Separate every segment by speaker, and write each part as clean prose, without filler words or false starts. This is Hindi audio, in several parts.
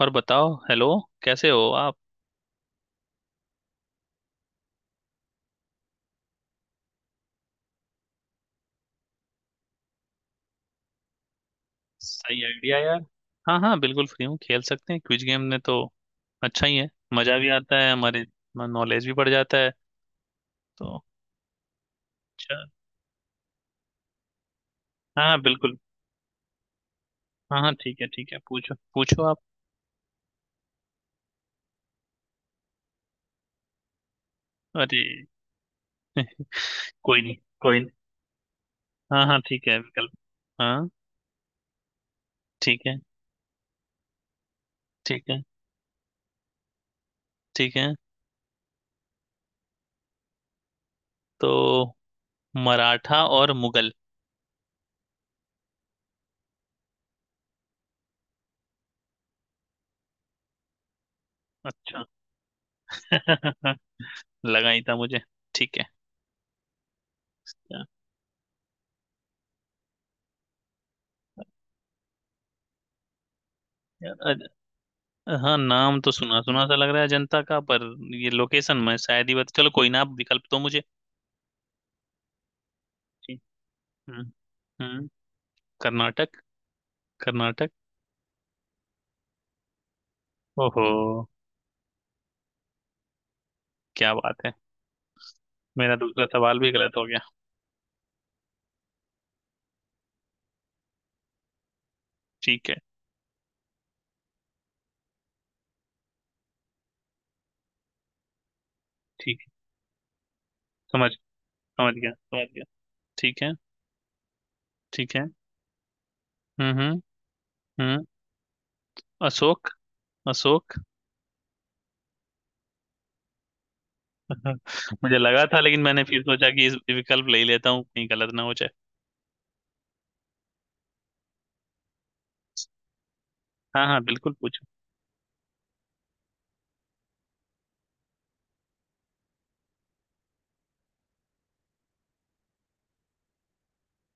Speaker 1: और बताओ। हेलो, कैसे हो आप। सही आइडिया यार। हाँ हाँ, बिल्कुल फ्री हूँ, खेल सकते हैं क्विज गेम में तो अच्छा ही है। मज़ा भी आता है, हमारे नॉलेज भी बढ़ जाता है तो। अच्छा। हाँ हाँ, बिल्कुल। हाँ हाँ, ठीक है ठीक है, पूछो पूछो आप। अरे। कोई नहीं, कोई नहीं। हाँ हाँ, ठीक है, विकल्प। हाँ, ठीक है ठीक है ठीक है। तो मराठा और मुगल। अच्छा। लगा ही था मुझे। ठीक है। हाँ, नाम तो सुना सुना सा लग रहा है जनता का, पर ये लोकेशन मैं शायद ही बता। चलो कोई ना, आप विकल्प दो मुझे। जी। हम्म हम्म कर्नाटक, कर्नाटक। ओहो। क्या बात है। मेरा दूसरा सवाल भी गलत हो गया। ठीक है, ठीक है। समझ समझ गया, समझ गया। ठीक है, ठीक है। हम्म हम्म हम्म अशोक, अशोक। मुझे लगा था, लेकिन मैंने फिर सोचा कि इस विकल्प ले ही लेता हूँ, कहीं गलत ना हो जाए। हाँ हाँ, बिल्कुल पूछो।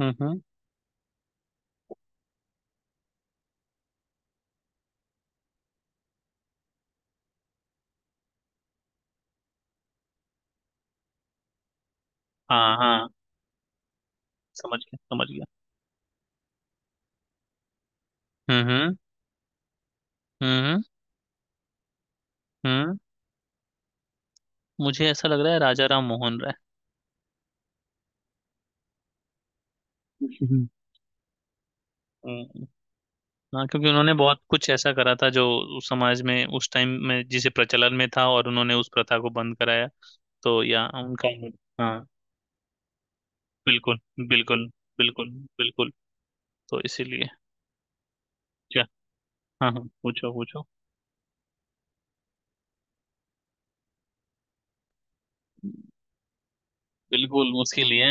Speaker 1: हम्म, हम्म, हाँ हाँ, समझ गया, समझ गया। हम्म, हम्म, हम्म, हम्म, मुझे ऐसा लग रहा है राजा राम मोहन राय। हम्म, हम्म, हाँ, क्योंकि उन्होंने बहुत कुछ ऐसा करा था जो उस समाज में, उस टाइम में जिसे प्रचलन में था, और उन्होंने उस प्रथा को बंद कराया तो। या उनका। हाँ, बिल्कुल, बिल्कुल, बिल्कुल, बिल्कुल। तो इसीलिए। क्या। हाँ हाँ, पूछो पूछो। बिल्कुल उसके लिए।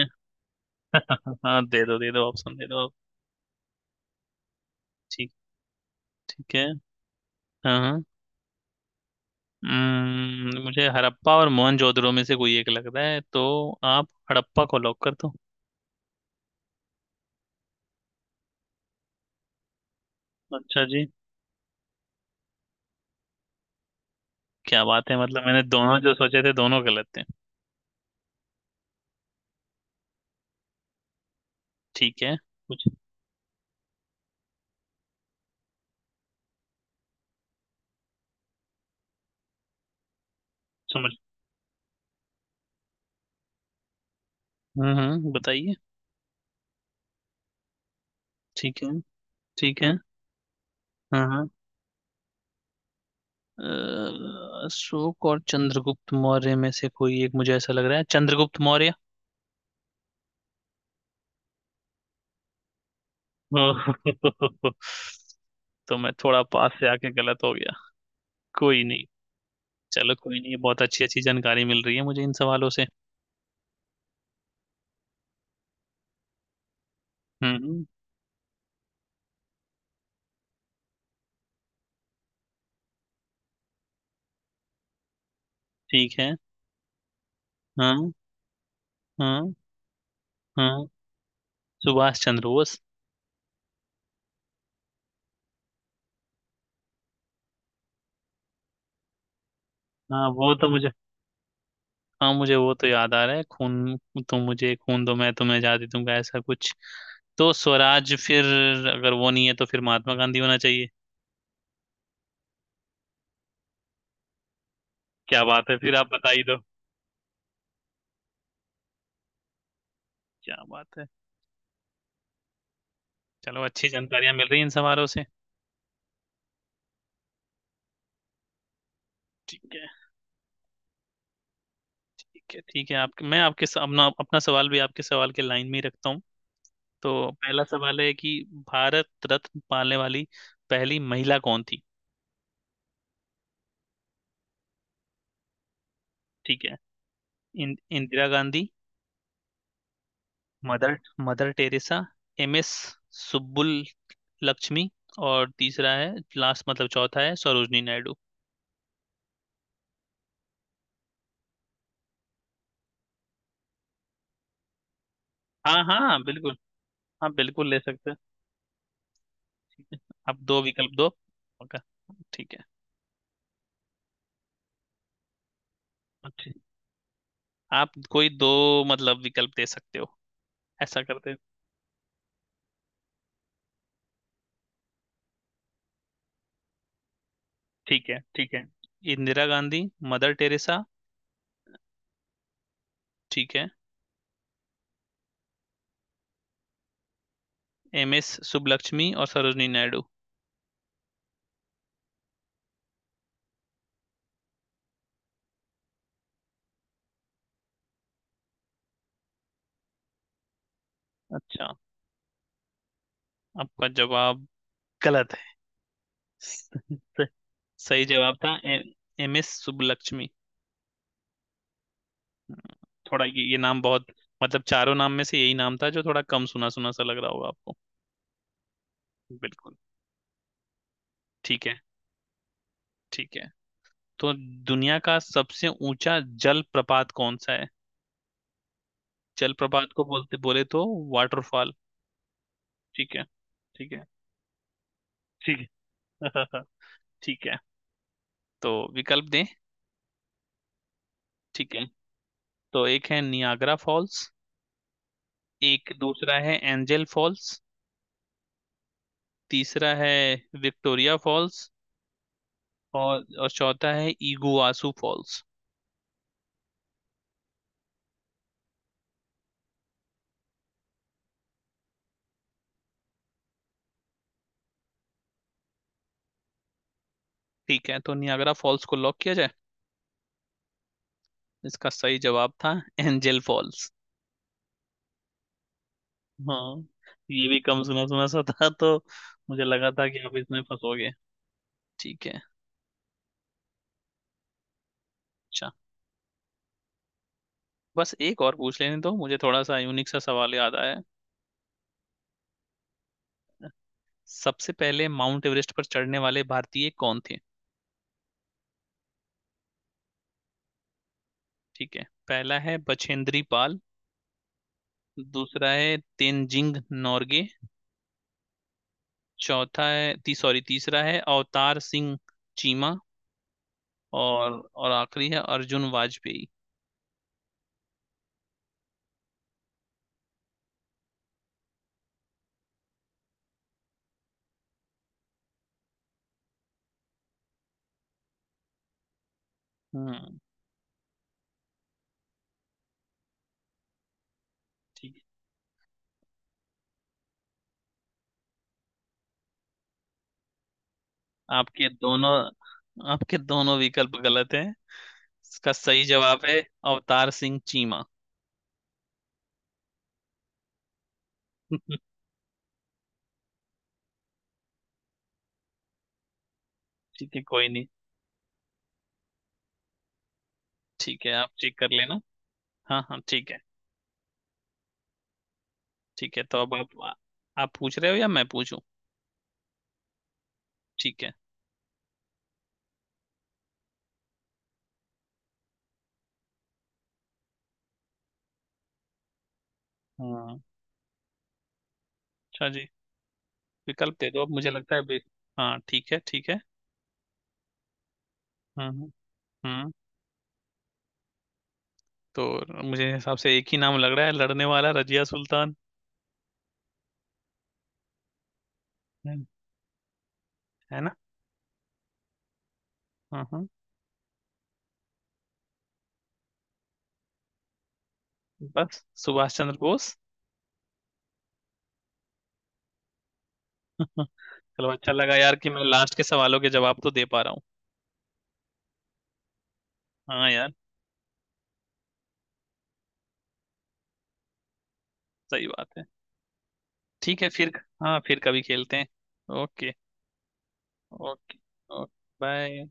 Speaker 1: हाँ, दे दो दे दो, ऑप्शन दे दो। ठीक, ठीक है। हाँ हाँ। मुझे हड़प्पा और मोहनजोदड़ो में से कोई एक लग रहा है, तो आप हड़प्पा को लॉक कर दो। अच्छा जी। क्या बात है, मतलब मैंने दोनों जो सोचे थे, दोनों गलत थे। ठीक है। कुछ। समझ। बताइए। ठीक है, ठीक है। हाँ हाँ। अशोक और चंद्रगुप्त मौर्य में से कोई एक मुझे ऐसा लग रहा है, चंद्रगुप्त मौर्य। ओह, तो मैं थोड़ा पास से आके गलत हो गया। कोई नहीं। चलो कोई नहीं, बहुत अच्छी अच्छी जानकारी मिल रही है मुझे इन सवालों से। हम्म, ठीक है। हाँ, हाँ, हाँ, सुभाष चंद्र बोस। हाँ, वो तो मुझे। हाँ, मुझे वो तो याद आ रहा है, खून, तुम मुझे खून दो मैं तुम्हें आज़ादी दूंगा, ऐसा कुछ। तो स्वराज फिर, अगर वो नहीं है तो फिर महात्मा गांधी होना चाहिए। क्या बात है, फिर आप बता ही दो। क्या बात है। चलो, अच्छी जानकारियां मिल रही हैं इन सवालों से। ठीक है, ठीक है, ठीक है, आपके मैं आपके अपना अपना सवाल भी आपके सवाल के लाइन में ही रखता हूँ। तो पहला सवाल है कि भारत रत्न पाने वाली पहली महिला कौन थी। ठीक है। Indira Gandhi. Mother mother Teresa. MS Lakshmi. और तीसरा है लास्ट, मतलब चौथा है सरोजनी नायडू। हाँ हाँ, बिल्कुल। हाँ, बिल्कुल ले सकते हैं। आप दो विकल्प दो। ओके। ठीक है। अच्छा, आप कोई दो मतलब विकल्प दे सकते हो। ऐसा करते हैं। ठीक है, ठीक है। Indira Gandhi, mother Teresa. ठीक है। MS सुब्बलक्ष्मी और सरोजनी नायडू। अच्छा, आपका जवाब गलत है। सही जवाब था MS सुब्बलक्ष्मी। थोड़ा ये नाम बहुत, मतलब चारों नाम में से यही नाम था जो थोड़ा कम सुना सुना सा लग रहा होगा आपको। बिल्कुल। ठीक है, ठीक है। तो दुनिया का सबसे ऊंचा जलप्रपात कौन सा है। जलप्रपात को बोलते, बोले तो वाटरफॉल। ठीक है, ठीक है, ठीक है, ठीक है। तो विकल्प दें। ठीक है। तो एक है नियाग्रा फॉल्स। एक दूसरा है एंजल फॉल्स। तीसरा है विक्टोरिया फॉल्स। और चौथा है इगुआसू फॉल्स। ठीक है, तो नियाग्रा फॉल्स को लॉक किया जाए। इसका सही जवाब था एंजल फॉल्स। हाँ, ये भी कम सुना सुना सा था तो मुझे लगा था कि आप इसमें फंसोगे। ठीक है। अच्छा, बस एक और पूछ लेने दो मुझे, थोड़ा सा यूनिक सा सवाल याद आया है। सबसे पहले माउंट एवरेस्ट पर चढ़ने वाले भारतीय कौन थे। ठीक है, पहला है बछेंद्री पाल। दूसरा है तेनजिंग नोर्गे। चौथा है ती, सॉरी, तीसरा है अवतार सिंह चीमा। और आखिरी है अर्जुन वाजपेयी। हम्म आपके दोनों आपके दोनों विकल्प गलत हैं। इसका सही जवाब है अवतार सिंह चीमा। ठीक है, कोई नहीं। ठीक है, आप चेक कर लेना। हाँ हाँ, ठीक है। ठीक है, तो अब आप पूछ रहे हो या मैं पूछूं। ठीक है। हाँ, अच्छा जी। विकल्प दे दो, अब मुझे लगता है बे-। हाँ, ठीक है, ठीक है। हाँ हाँ। हाँ, तो मुझे हिसाब से एक ही नाम लग रहा है लड़ने वाला, रजिया सुल्तान। है। है ना। हाँ हाँ। बस सुभाष चंद्र बोस। चलो, अच्छा लगा यार कि मैं लास्ट के सवालों के जवाब तो दे पा रहा हूँ। हाँ यार। सही बात है। ठीक है फिर। हाँ, फिर कभी खेलते हैं। Okay, okay, okay, bye.